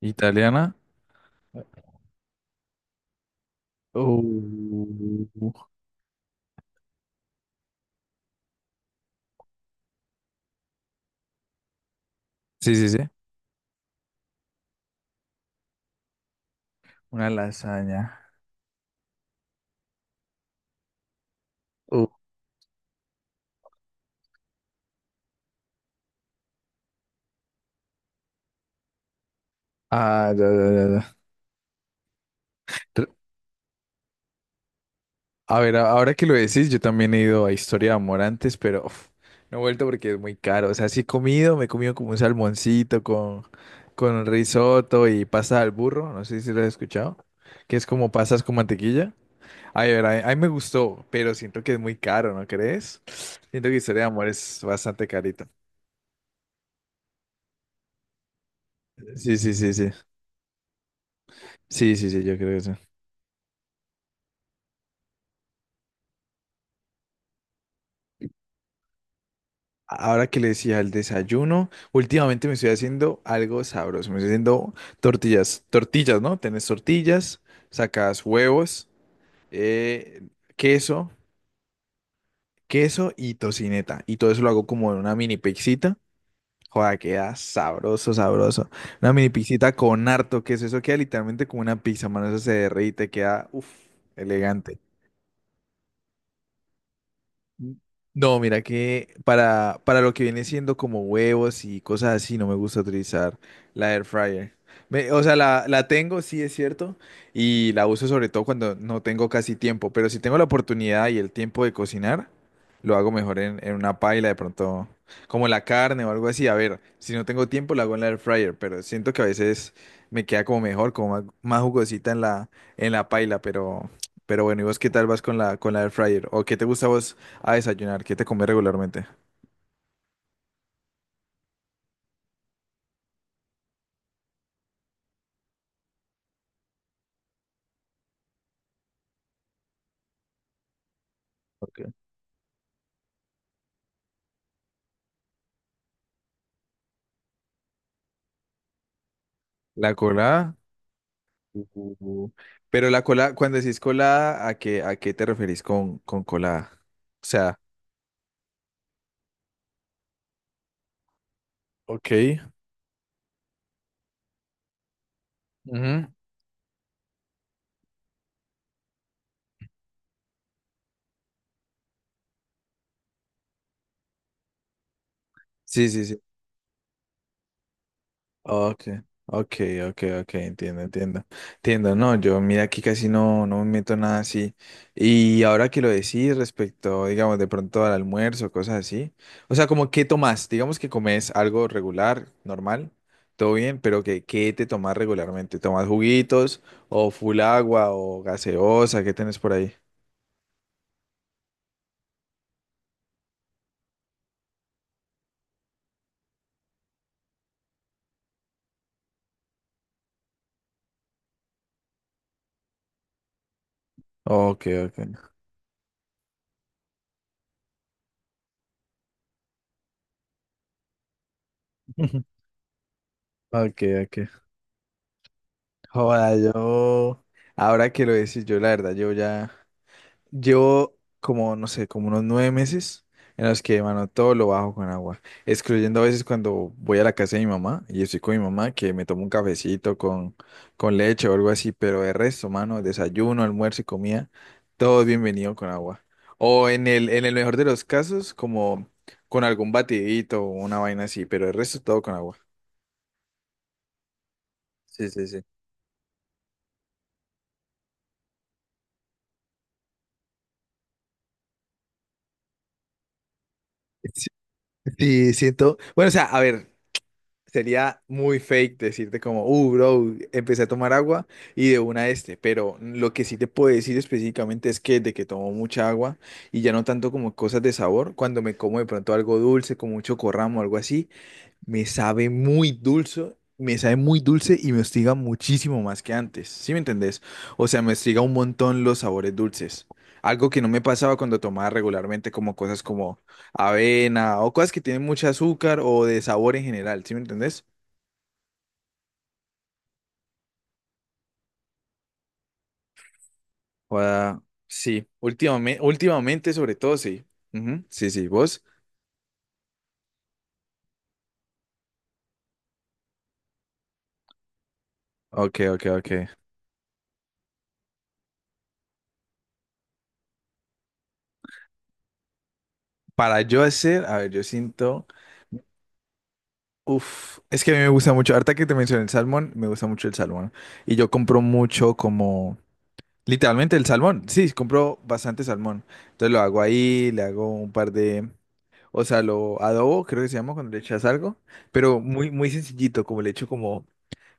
Italiana. Uh, Sí, sí, sí. Una lasaña. uh, ah, ya, ya, ya, ya. Tr- A ver, ahora que lo decís, yo también he ido a Historia de Amor antes, pero uf, no he vuelto porque es muy caro. O sea, sí he comido, me he comido como un salmoncito con risotto y pasta al burro. No sé si lo has escuchado. Que es como pasas con mantequilla. Ay, a ver, a mí me gustó, pero siento que es muy caro, ¿no crees? Siento que Historia de Amor es bastante carito. Sí, sí, sí, sí. Sí, sí, sí, yo creo que sí. Ahora que le decía el desayuno, últimamente me estoy haciendo algo sabroso. Me estoy haciendo tortillas, tortillas, ¿no? Tenés tortillas, sacas huevos, eh, queso, queso y tocineta. Y todo eso lo hago como en una mini pizzita. Joda, queda sabroso, sabroso. Una mini pizzita con harto queso. Eso queda literalmente como una pizza, mano. Eso se derrite, queda, uff, elegante. No, mira que para lo que viene siendo como huevos y cosas así, no me gusta utilizar la air fryer. O sea, la tengo, sí es cierto, y la uso sobre todo cuando no tengo casi tiempo, pero si tengo la oportunidad y el tiempo de cocinar, lo hago mejor en una paila de pronto, como la carne o algo así. A ver, si no tengo tiempo, la hago en la air fryer, pero siento que a veces me queda como mejor, como más, más jugosita en la paila, pero bueno, ¿y vos qué tal vas con la air fryer? ¿O qué te gusta a vos? A desayunar, ¿qué te comes regularmente? Ok. La colada. Uh, Pero la colada, cuando decís colada, ¿a qué te referís con colada? O sea, ok, ujú, sí, sí, sí. Okay, okay, okay, okay, entiendo, entiendo, entiendo, no, yo mira aquí casi no, no me meto en nada así, y ahora que lo decís respecto, digamos, de pronto al almuerzo, cosas así, o sea, como qué tomás, digamos que comes algo regular, normal, todo bien, pero que, ¿qué te tomás regularmente? ¿Tomás juguitos o full agua o gaseosa? ¿Qué tenés por ahí? Okay, okay. Okay, okay. Joda, yo, ahora que lo decís, yo la verdad, yo ya... Llevo como, no sé, como unos 9 meses en los que, mano, todo lo bajo con agua, excluyendo a veces cuando voy a la casa de mi mamá y estoy con mi mamá, que me tomo un cafecito con leche o algo así, pero de resto, mano, desayuno, almuerzo y comida, todo es bienvenido con agua. O en el mejor de los casos, como con algún batidito o una vaina así, pero el resto todo con agua. Sí, sí, sí. Sí, sí, siento. Bueno, o sea, a ver. Sería muy fake decirte como, bro, empecé a tomar agua y de una este, pero lo que sí te puedo decir específicamente es que de que tomo mucha agua y ya no tanto como cosas de sabor, cuando me como de pronto algo dulce, como un chocorramo o algo así, me sabe muy dulce, me sabe muy dulce y me hostiga muchísimo más que antes, ¿sí me entendés? O sea, me hostiga un montón los sabores dulces. Algo que no me pasaba cuando tomaba regularmente como cosas como avena o cosas que tienen mucho azúcar o de sabor en general, ¿sí me entendés? Joda, sí, últimamente, últimamente sobre todo, sí. Ujú, sí, sí, vos. Ok, ok, ok. Para yo hacer, a ver, yo siento, uf, es que a mí me gusta mucho, ahorita que te mencioné el salmón, me gusta mucho el salmón. Y yo compro mucho como, literalmente el salmón, sí, compro bastante salmón. Entonces lo hago ahí, le hago un par de, o sea, lo adobo, creo que se llama cuando le echas algo, pero muy, muy sencillito, como le echo como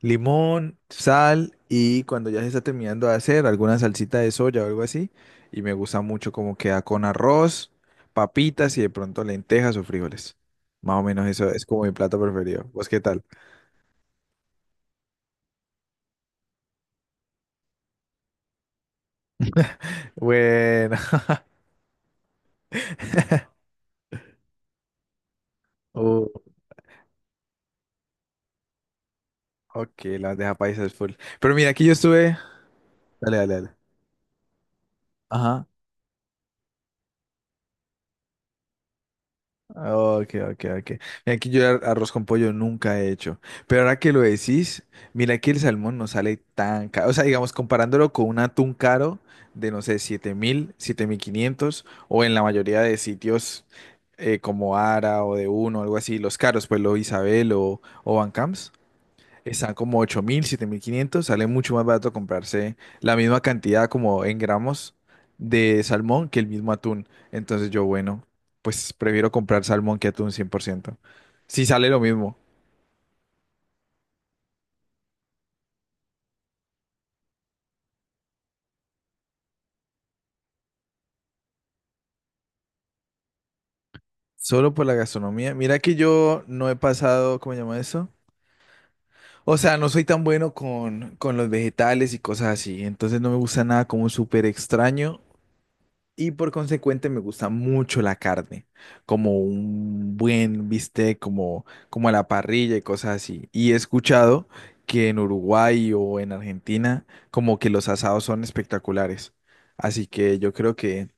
limón, sal y cuando ya se está terminando de hacer alguna salsita de soya o algo así. Y me gusta mucho cómo queda con arroz, papitas y de pronto lentejas o frijoles. Más o menos eso es como mi plato preferido. ¿Vos qué tal? Bueno, uh, ok, las deja paisas full. Pero mira, aquí yo estuve. Dale, dale, dale. Ajá. Ok, ok, ok. Mira, aquí yo arroz con pollo nunca he hecho. Pero ahora que lo decís, mira que el salmón no sale tan caro. O sea, digamos, comparándolo con un atún caro de, no sé, 7.000, 7.500, o en la mayoría de sitios como Ara o de Uno, algo así, los caros, pues lo Isabel o Van Camps. Están como 8.000, 7.500. Sale mucho más barato comprarse la misma cantidad como en gramos de salmón que el mismo atún. Entonces yo, bueno, pues prefiero comprar salmón que atún 100%, si sale lo mismo. Solo por la gastronomía. Mira que yo no he pasado, ¿cómo se llama eso? O sea, no soy tan bueno con, los vegetales y cosas así. Entonces no me gusta nada como súper extraño, y por consecuente me gusta mucho la carne, como un buen bistec, como a la parrilla y cosas así. Y he escuchado que en Uruguay o en Argentina como que los asados son espectaculares. Así que yo creo que,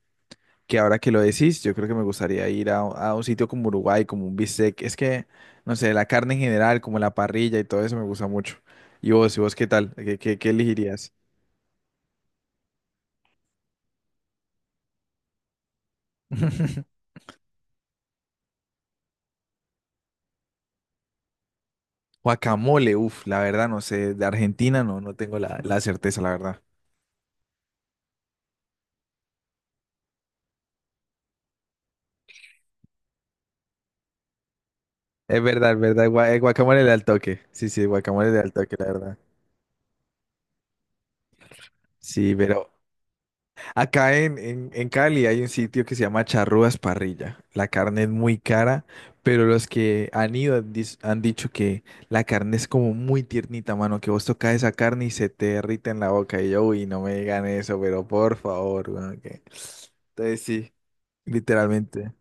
ahora que lo decís, yo creo que me gustaría ir a un sitio como Uruguay, como un bistec. Es que, no sé, la carne en general, como la parrilla y todo eso me gusta mucho. y vos, qué tal? ¿Qué elegirías? Guacamole, uff, la verdad no sé, de Argentina no, no tengo la certeza, la verdad. Es verdad, es verdad, el guacamole de al toque. Sí, sí, el guacamole de al toque, la verdad. Sí, pero acá en Cali hay un sitio que se llama Charrúas Parrilla. La carne es muy cara, pero los que han ido han han dicho que la carne es como muy tiernita, mano, que vos tocas esa carne y se te derrite en la boca. Y yo, uy, no me digan eso, pero por favor, weón. Entonces sí, literalmente.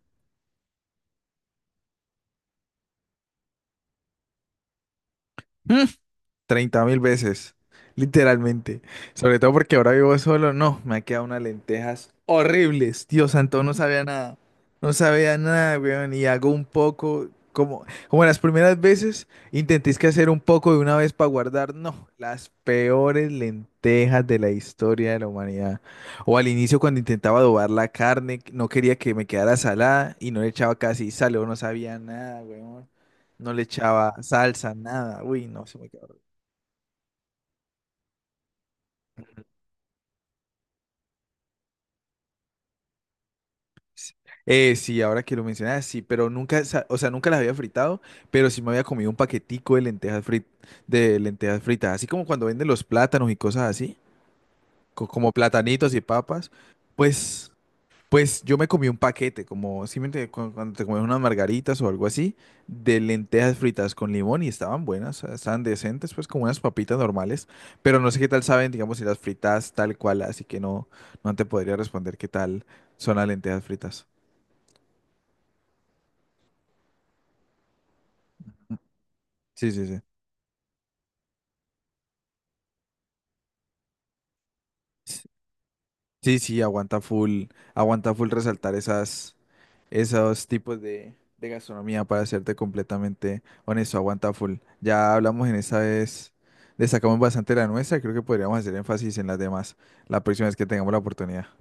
30.000 veces, literalmente. Sobre todo porque ahora vivo solo. No, me ha quedado unas lentejas horribles. Dios santo, no sabía nada. No sabía nada, weón. Y hago un poco, como las primeras veces, intentéis que hacer un poco de una vez para guardar. No, las peores lentejas de la historia de la humanidad. O al inicio cuando intentaba adobar la carne, no quería que me quedara salada y no le echaba casi sal, o no sabía nada, weón. No le echaba salsa, nada. Uy, no, se me quedó. Sí, ahora que lo mencionas, sí, pero nunca, o sea, nunca las había fritado, pero sí me había comido un paquetico de lentejas fritas, así como cuando venden los plátanos y cosas así, como platanitos y papas, pues, pues yo me comí un paquete, como simplemente cuando te comes unas margaritas o algo así, de lentejas fritas con limón y estaban buenas, o sea, estaban decentes, pues como unas papitas normales, pero no sé qué tal saben, digamos, si las fritas tal cual, así que no, no te podría responder qué tal son las lentejas fritas. Sí, sí, sí. Sí, sí, aguanta full resaltar esas, esos tipos de gastronomía para serte completamente honesto, aguanta full. Ya hablamos en esa vez, destacamos bastante la nuestra, creo que podríamos hacer énfasis en las demás la próxima vez que tengamos la oportunidad.